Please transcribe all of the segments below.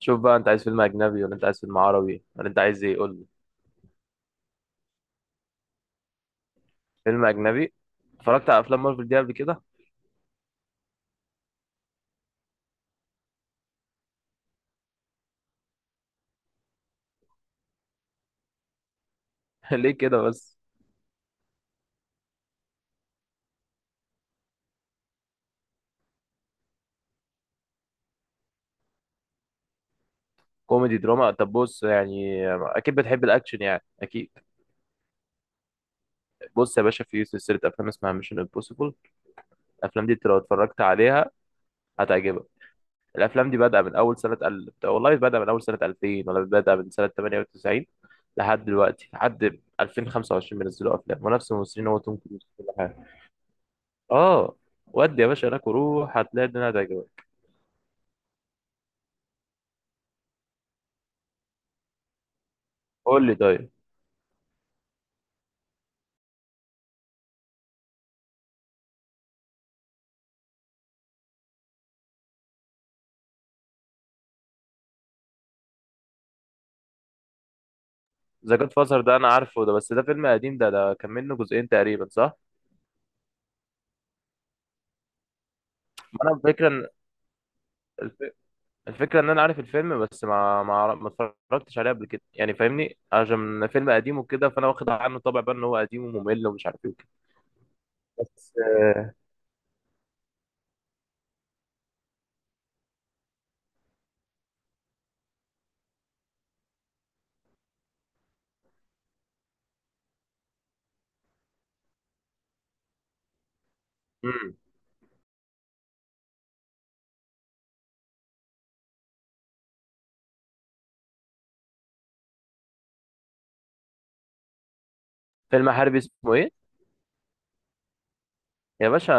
شوف بقى، انت عايز فيلم اجنبي ولا انت عايز فيلم عربي ولا انت عايز ايه، قول لي. فيلم اجنبي. اتفرجت على افلام مارفل دي قبل كده؟ ليه كده بس؟ كوميدي دراما، طب بص يعني اكيد بتحب الاكشن، يعني اكيد. بص يا باشا، في سلسله افلام اسمها ميشن امبوسيبل. الافلام دي انت لو اتفرجت عليها هتعجبك. الافلام دي بادئه من اول سنه والله بادئه من اول سنه 2000 ولا بادئه من سنه 98. لحد دلوقتي لحد 2025 بينزلوا افلام ونفس الممثلين، هو توم كروز كل حاجه. اه. ودي يا باشا هناك، وروح هتلاقي الدنيا هتعجبك. قول لي طيب. ذا جاد فازر ده انا عارفه ده، بس ده فيلم قديم، ده كان منه جزئين تقريبا، صح؟ ما انا الفكره ان الف- الفكره ان انا عارف الفيلم، بس ما اتفرجتش عليه قبل كده، يعني فاهمني، عشان فيلم قديم وكده، فانا واخد عنه طبع بقى ان هو قديم وممل ومش عارف ايه وكده. بس آه، مم. فيلم حربي اسمه ايه؟ يا باشا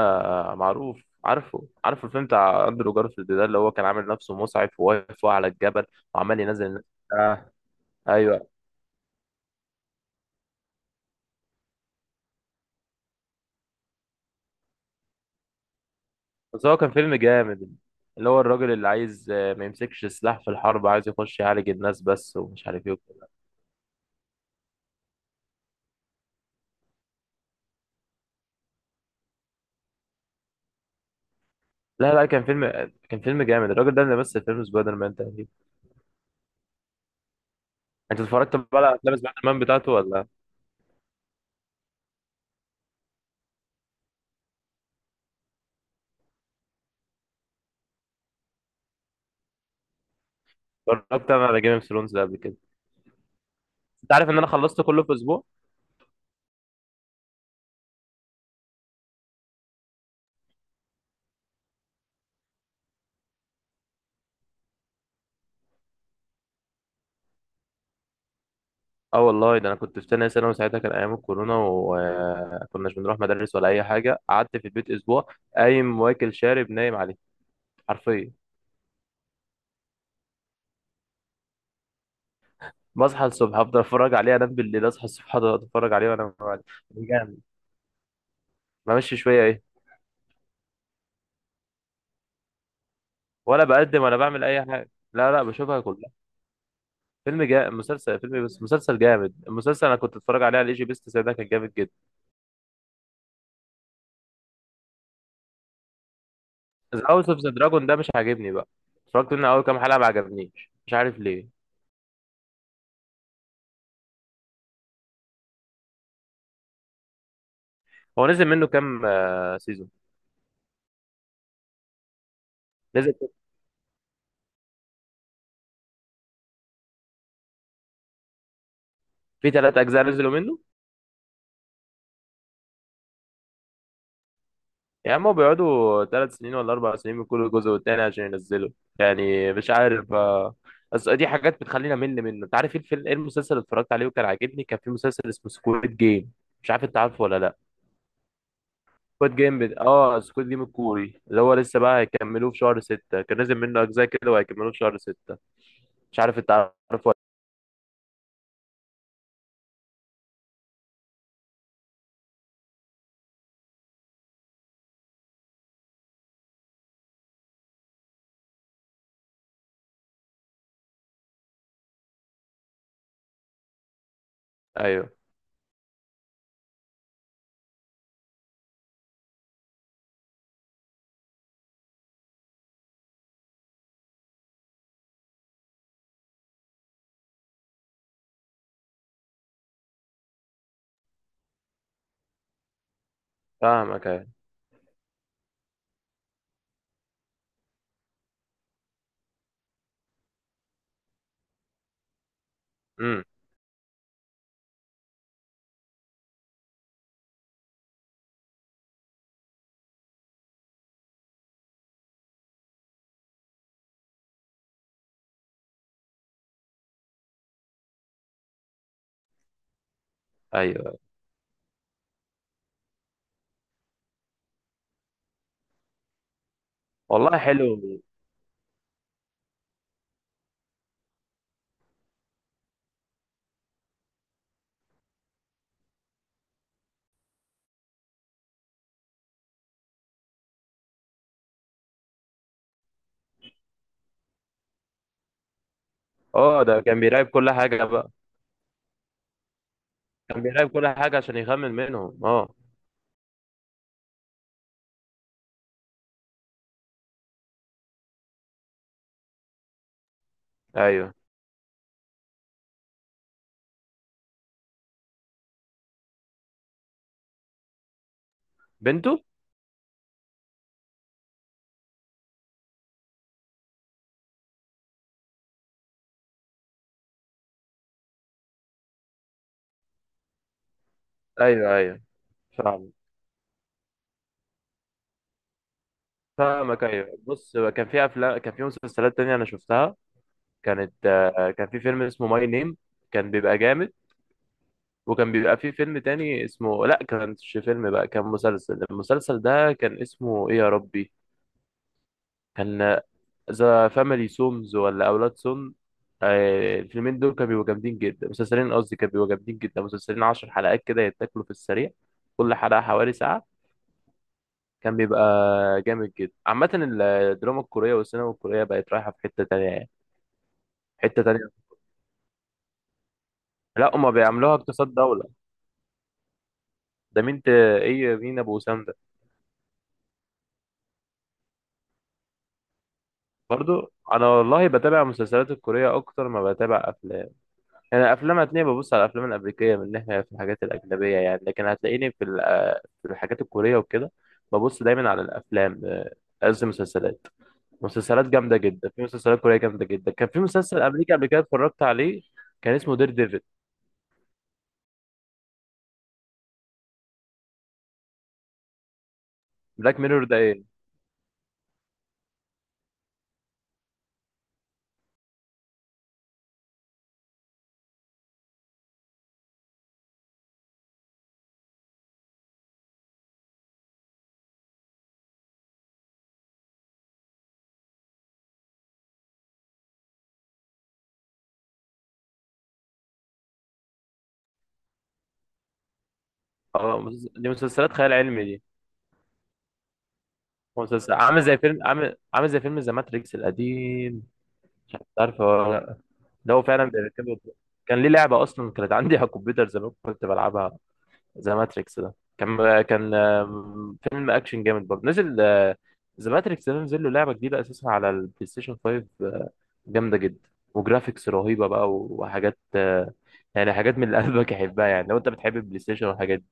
معروف، عارفه الفيلم بتاع اندرو جارفيلد ده، اللي هو كان عامل نفسه مسعف وواقف فوق على الجبل وعمال ينزل الناس. آه. ايوه، بس هو كان فيلم جامد، اللي هو الراجل اللي عايز ما يمسكش سلاح في الحرب، عايز يخش يعالج الناس بس ومش عارف ايه وكده. لا لا، كان فيلم جامد، الراجل ده اللي مثل فيلم سبايدر مان تقريبا. انت اتفرجت بقى على افلام سبايدر مان بتاعته ولا؟ اتفرجت انا على جيم اوف ثرونز ده قبل كده. انت عارف ان انا خلصت كله في اسبوع؟ اه والله، ده انا كنت في تانية ثانوي وساعتها كان ايام الكورونا وكناش بنروح مدارس ولا اي حاجه، قعدت في البيت اسبوع قايم واكل شارب نايم عليه. حرفيا. بصحى الصبح افضل اتفرج عليه، انام بالليل اصحى الصبح افضل اتفرج عليه وانام عليه. بمشي شويه ايه؟ ولا بقدم ولا بعمل اي حاجه، لا لا، بشوفها كلها. فيلم جا مسلسل، فيلم بس مسلسل جامد، المسلسل انا كنت اتفرج عليه على الاي جي بيست، ده كان جامد جدا. هاوس اوف ذا دراجون ده مش عاجبني بقى. اتفرجت منه اول كام حلقه ما عجبنيش، مش عارف ليه. هو نزل منه كام سيزون؟ نزل. في ثلاث اجزاء نزلوا منه. يا عم، هو بيقعدوا ثلاث سنين ولا اربع سنين من كل جزء والتاني عشان ينزلوا. يعني مش عارف. بس دي حاجات بتخلينا مل منه. انت عارف ايه الفيلم، ايه المسلسل اللي اتفرجت عليه وكان عاجبني؟ كان في مسلسل اسمه سكويد جيم. مش عارف انت عارفه ولا لا. اه، سكواد جيم الكوري، اللي هو لسه بقى هيكملوه في شهر ستة، كان نازل منه أجزاء كده وهيكملوه في شهر ستة. مش عارف أنت عارفه ولا؟ لأ. أيوه. فاهمك، أيوه. أمم. أيوه. والله حلو. اه، ده كان بيراقب كل حاجة بقى. كان بيراقب كل حاجة عشان يخمن منهم، اه. أيوه. بنته. أيوه، أيوه. فاهم. فاهمك، أيوه. بص، كان في أفلام، كان في مسلسلات تانية أنا شفتها. كان في فيلم اسمه ماي نيم، كان بيبقى جامد. وكان بيبقى فيه فيلم تاني اسمه، لا كانش فيلم بقى كان مسلسل، المسلسل ده كان اسمه ايه يا ربي؟ كان ذا فاميلي سومز ولا اولاد سوم. الفيلمين دول كانوا بيبقوا جامدين جدا، مسلسلين قصدي، كانوا بيبقوا جامدين جدا، مسلسلين عشر حلقات كده يتاكلوا في السريع، كل حلقة حوالي ساعة. كان بيبقى جامد جدا. عامة الدراما الكورية والسينما الكورية بقت رايحة في حتة تانية، يعني حتة تانية. لا، هما بيعملوها اقتصاد دولة. ده مين ايه، مين ابو وسام ده؟ برضو انا والله بتابع مسلسلات الكوريه اكتر ما بتابع افلام. يعني الافلام هتلاقيني ببص على الافلام الامريكيه من ناحيه في الحاجات الاجنبيه يعني، لكن هتلاقيني في في الحاجات الكوريه وكده. ببص دايما على الافلام. قصدي مسلسلات، مسلسلات جامده جدا، في مسلسلات كوريه جامده جدا. كان في مسلسل امريكي قبل كده اتفرجت عليه، كان اسمه دير ديفل. بلاك ميرور ده ايه؟ اه، دي مسلسلات خيال علمي دي. مسلسل عامل زي فيلم، عامل زي فيلم ذا ماتريكس القديم، عارفه؟ ده هو فعلا بيركبه. كان ليه لعبه اصلا كانت عندي على الكمبيوتر زمان كنت بلعبها. ذا ماتريكس ده كان فيلم اكشن جامد، برضه نزل. ذا ماتريكس ده نزل له لعبه جديده اساسا على البلاي ستيشن 5. جامده جدا وجرافيكس رهيبه بقى وحاجات. يعني حاجات من اللي قلبك يحبها، يعني لو انت بتحب البلاي ستيشن والحاجات دي.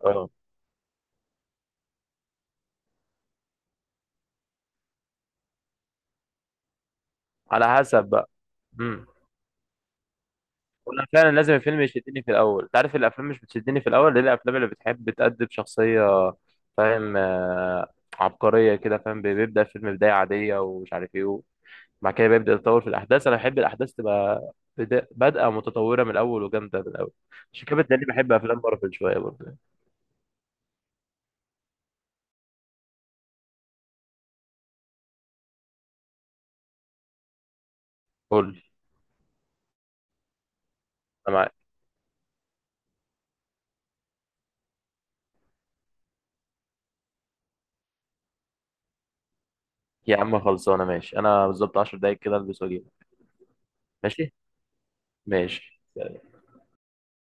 اه، على حسب بقى. مم. وانا فعلا لازم الفيلم يشدني في الاول. انت عارف الافلام مش بتشدني في الاول ليه؟ الافلام اللي بتحب بتقدم شخصيه فاهم، عبقريه كده، فاهم؟ بيبدا الفيلم بدايه عاديه ومش عارف ايه، وبعد كده بيبدا يتطور في الاحداث. انا بحب الاحداث تبقى بادئه متطوره من الاول وجامده من الاول. عشان كده بتلاقيني بحب افلام مارفل شويه برضه. قول لي. انا معاك. يا عم خلصانه، ماشي، انا بالظبط 10 دقايق كده البس واجيلك. ماشي. ماشي.